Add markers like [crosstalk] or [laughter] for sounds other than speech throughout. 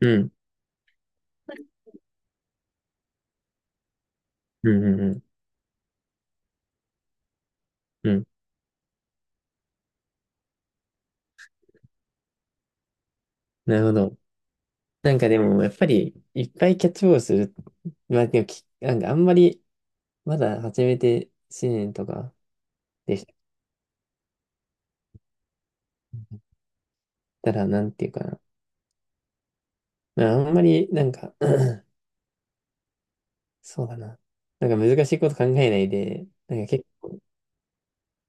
うん、うん、うん、うん。うん、なるほど。なんかでも、やっぱり、いっぱいキャッチボールする。まあ、でも、なんかあんまり、まだ始めて1年とかでしたら、なんていうかな。まあ、あんまり、なんか、[clears throat] そうだな。なんか難しいこと考えないで、なんか結構、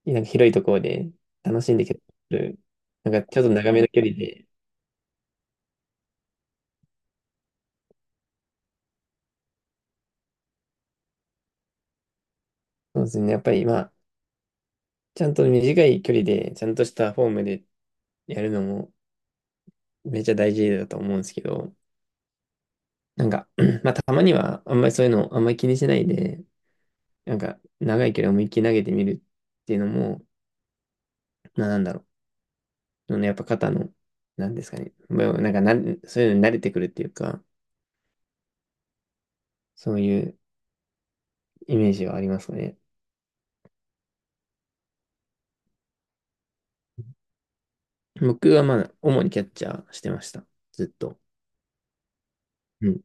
なんか広いところで楽しんでキャッチボール。なんかちょっと長めの距離で、そうですね。やっぱり、まあ、ちゃんと短い距離で、ちゃんとしたフォームでやるのもめっちゃ大事だと思うんですけど、なんか、[clears throat] まあ、たまには、あんまりそういうの、あんまり気にしないで、なんか、長い距離思いっきり投げてみるっていうのも、まあ、なんだろう。やっぱ肩の、なんですかね。まあなんかな、そういうのに慣れてくるっていうか、そういうイメージはありますかね。僕はまあ、主にキャッチャーしてました。ずっと。うん。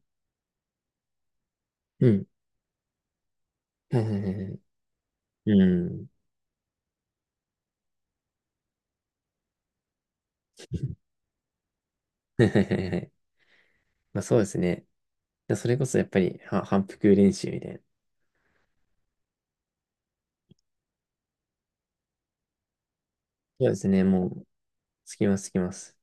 うん。はいはいはいはい。うん。はいはいはいはい。[laughs] まあ、そうですね。それこそやっぱり、反復練習みたいな。そうですね。もう、つきます、つきます。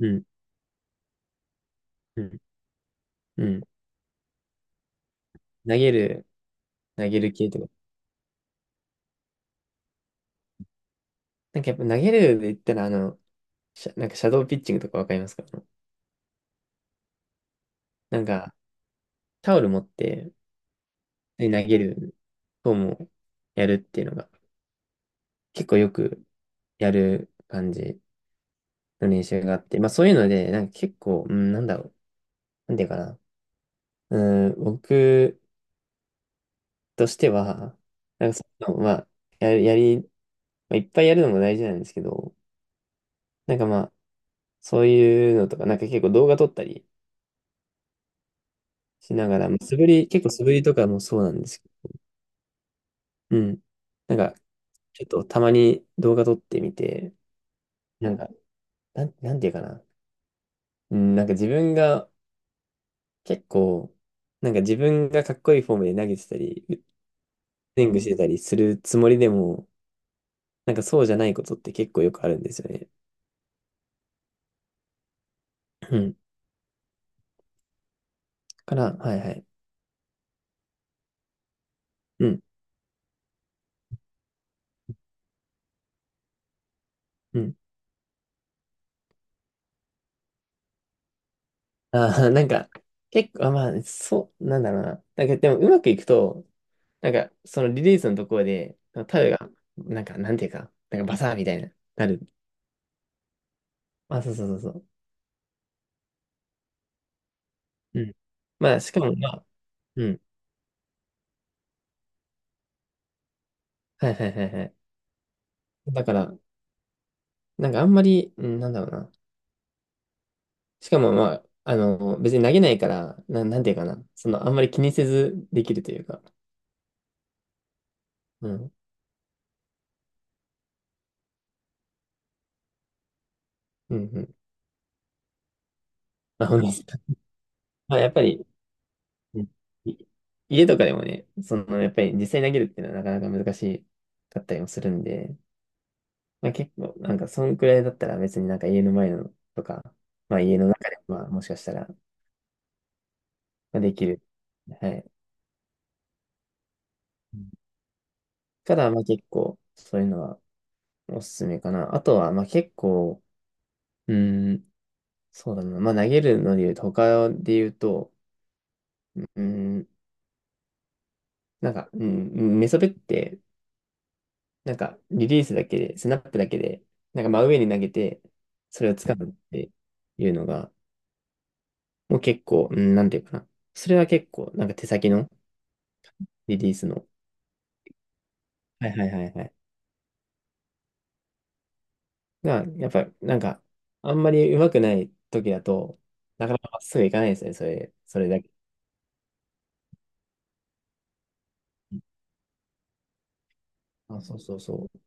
うん。うん。うん。投げる、投げる系とか。なんかやっぱ投げるで言ったら、あの、なんかシャドーピッチングとかわかりますか？なんか、タオル持って、で投げる方もやるっていうのが、結構よくやる感じの練習があって、まあそういうので、なんか結構、うん、なんだろう、なんていうかな。うん、僕としては、なんかそういうの、まあ、やる、やり、まあ、いっぱいやるのも大事なんですけど、なんかまあ、そういうのとか、なんか結構動画撮ったりしながら、まあ素振り、結構素振りとかもそうなんですけど、うん。なんか、ちょっとたまに動画撮ってみて、なんか、なんていうかな。うん、なんか自分が結構、なんか自分がかっこいいフォームで投げてたり、スイングしてたりするつもりでも、なんかそうじゃないことって結構よくあるんですよね。うん。だから、はいはい。うん。うん。ああ、なんか、結構、あ、まあ、そう、なんだろうな。なんかでもうまくいくと、なんかそのリリースのところで、タウが、なんか、なんていうか、なんかバサーみたいな、なる。あ、そうそうそうそう。うん。まあ、しかも、まあ、うん。はいはいはいはい。だから、なんかあんまり、うん、なんだろうな。しかも、まあ、別に投げないから、なんていうかな。その、あんまり気にせずできるというか。うん。うんうん。まあ、本当ですか。[laughs] まあ、やっぱり、うん、い家とかでもね、その、やっぱり実際に投げるっていうのはなかなか難しかったりもするんで、まあ、結構、なんか、そんくらいだったら別になんか家の前のとか、まあ、家の中で、まあ、もしかしたら、まあ、できる。はい。から、まあ結構、そういうのはおすすめかな。あとは、まあ結構、うーん、そうだな。まあ投げるので言うと、他で言うと、うーん、なんか、うん、メソベって、なんかリリースだけで、スナップだけで、なんか真上に投げて、それを掴むっていうのが、もう結構、うん、なんていうかな。それは結構、なんか手先のリリースの、はいはいはいはい。が、やっぱ、なんか、あんまり上手くない時だと、なかなかまっすぐいかないですね、それだけ。あ、そうそうそう。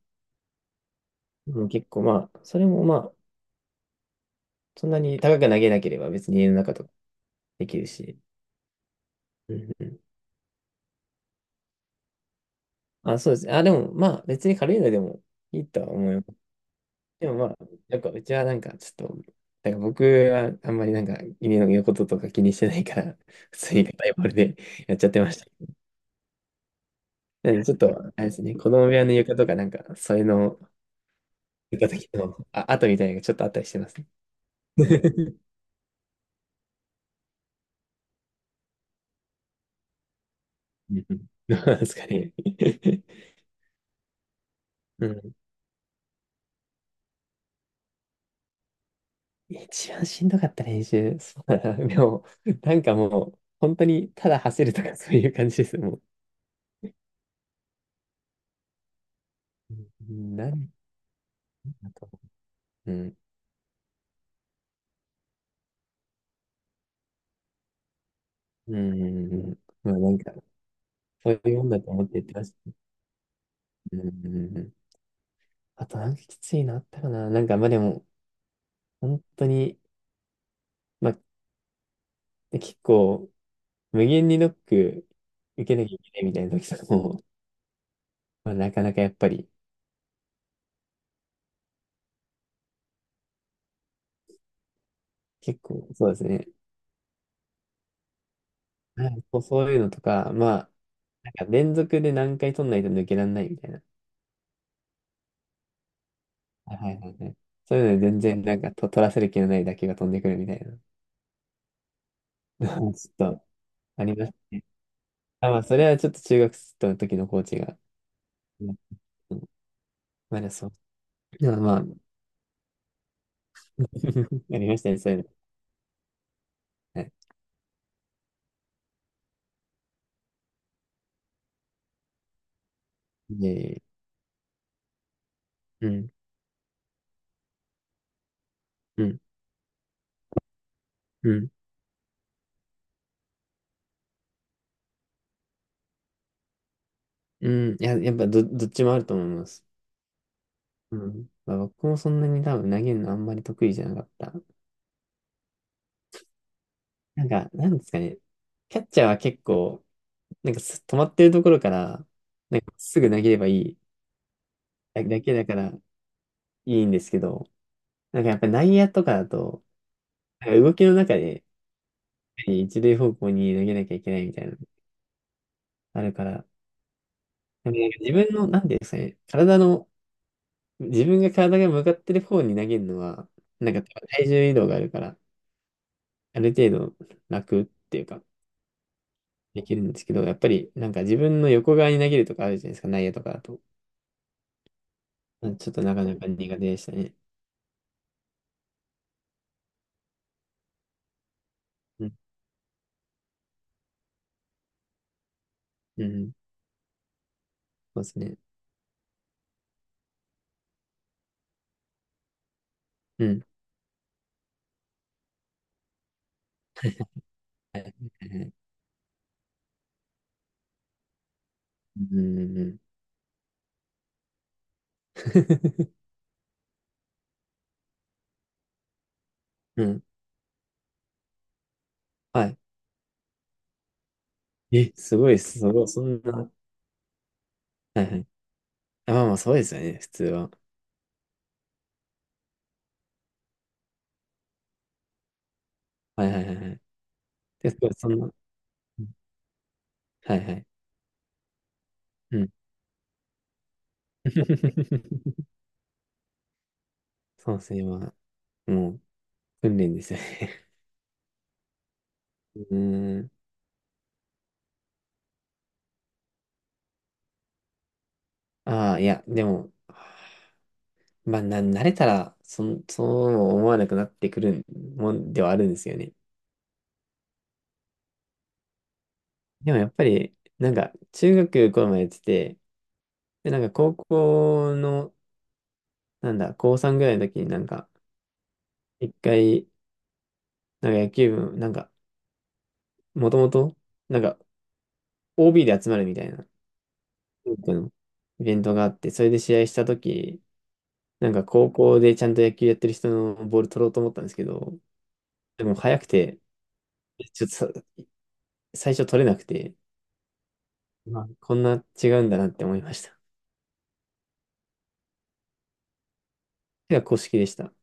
うん、結構まあ、それもまあ、そんなに高く投げなければ別に家の中とかできるし。うんうん。あ、そうです。あ、でもまあ、別に軽いのでもいいとは思います。でもまあ、なんかうちはなんかちょっと、なんか僕はあんまりなんか家のこととか気にしてないから、[laughs] 普通に硬いボールでやっちゃってました。なんでちょっと、あれですね、子供部屋の床とかなんか、それの床だけの、あ、跡みたいなのがちょっとあったりしてますね。[laughs] うんうん、どうなんです [laughs] かね。[laughs] うん、一番しんどかった練習。[laughs] そうだな。でも、なんかもう、本当にただ走るとかそういう感じです。もう、なんだと。うん。うん。まあなんか、そういうもんだと思ってやってました。うん。あとなんかきついのあったかな。なんかまあでも、本当に、まあ結構、無限にノック受けなきゃいけないみたいな時とかも、まあなかなかやっぱり、結構そうですね。はい、そう、そういうのとか、まあ、なんか連続で何回取んないと抜けられないみたいな。はいはいはいはい。そういうので全然なんかと取らせる気のない打球が飛んでくるみたいな。[laughs] ちょっとありましたね。あ、まあそれはちょっと中学生の時のコーチが。うん、まだそう。でもまあ、[laughs] ありましたね、そういうの。はい。で、うん、うん、うん、うん。いや、やっぱ、どっちもあると思います。うん。まあ、僕もそんなに多分投げるのあんまり得意じゃなかった。なんか、なんですかね。キャッチャーは結構、なんか止まってるところからすぐ投げればいいだけだからいいんですけど、なんかやっぱ内野とかだと、なんか動きの中で一塁方向に投げなきゃいけないみたいなのあるから、でもなんか自分の、なんていうんですかね、体の、自分が体が向かってる方に投げるのは、なんか体重移動があるから、ある程度楽っていうか、できるんですけど、やっぱりなんか自分の横側に投げるとかあるじゃないですか、内野とかだと。うん、ちょっとなかなか苦手でしたね。うん、うん、そうですね。うん。うんうんうんうん。[laughs] うん。はい。え、すごいです。すごい。そんな。はいはい。あ、まあまあ、そうですよね、普通は。はいはいはいはい。で、そんな、うん、はいはい。うん。[laughs] そうですね、まあ、もう、訓練ですよね。[laughs] うーん。ああ、いや、でも、まあ、慣れたら、そう思わなくなってくるもんではあるんですよね。でもやっぱり、なんか、中学頃までやってて、で、なんか高校の、なんだ、高3ぐらいの時になんか、一回、なんか野球部、なんか、もともと、なんか、OB で集まるみたいな京都のイベントがあって、それで試合したとき、なんか高校でちゃんと野球やってる人のボール取ろうと思ったんですけど、でも速くて、ちょっと最初取れなくて、まあこんな違うんだなって思いました。手が公式でした。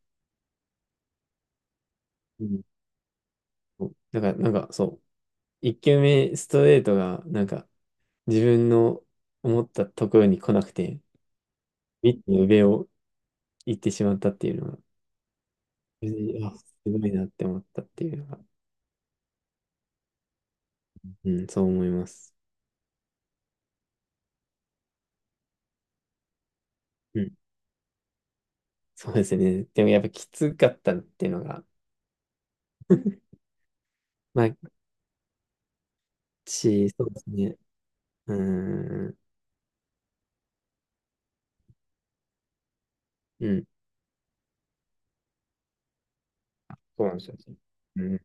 うん、だから、なんかそう、1球目ストレートが、なんか自分の思ったところに来なくて、ミットの上を行ってしまったっていうのが、別にあ、すごいなって思ったっていうのが、うん、そう思います。うん、そうですね。でもやっぱきつかったっていうのが、[laughs] まあ、そうですね。うーん、うん、そうなんですよね。うん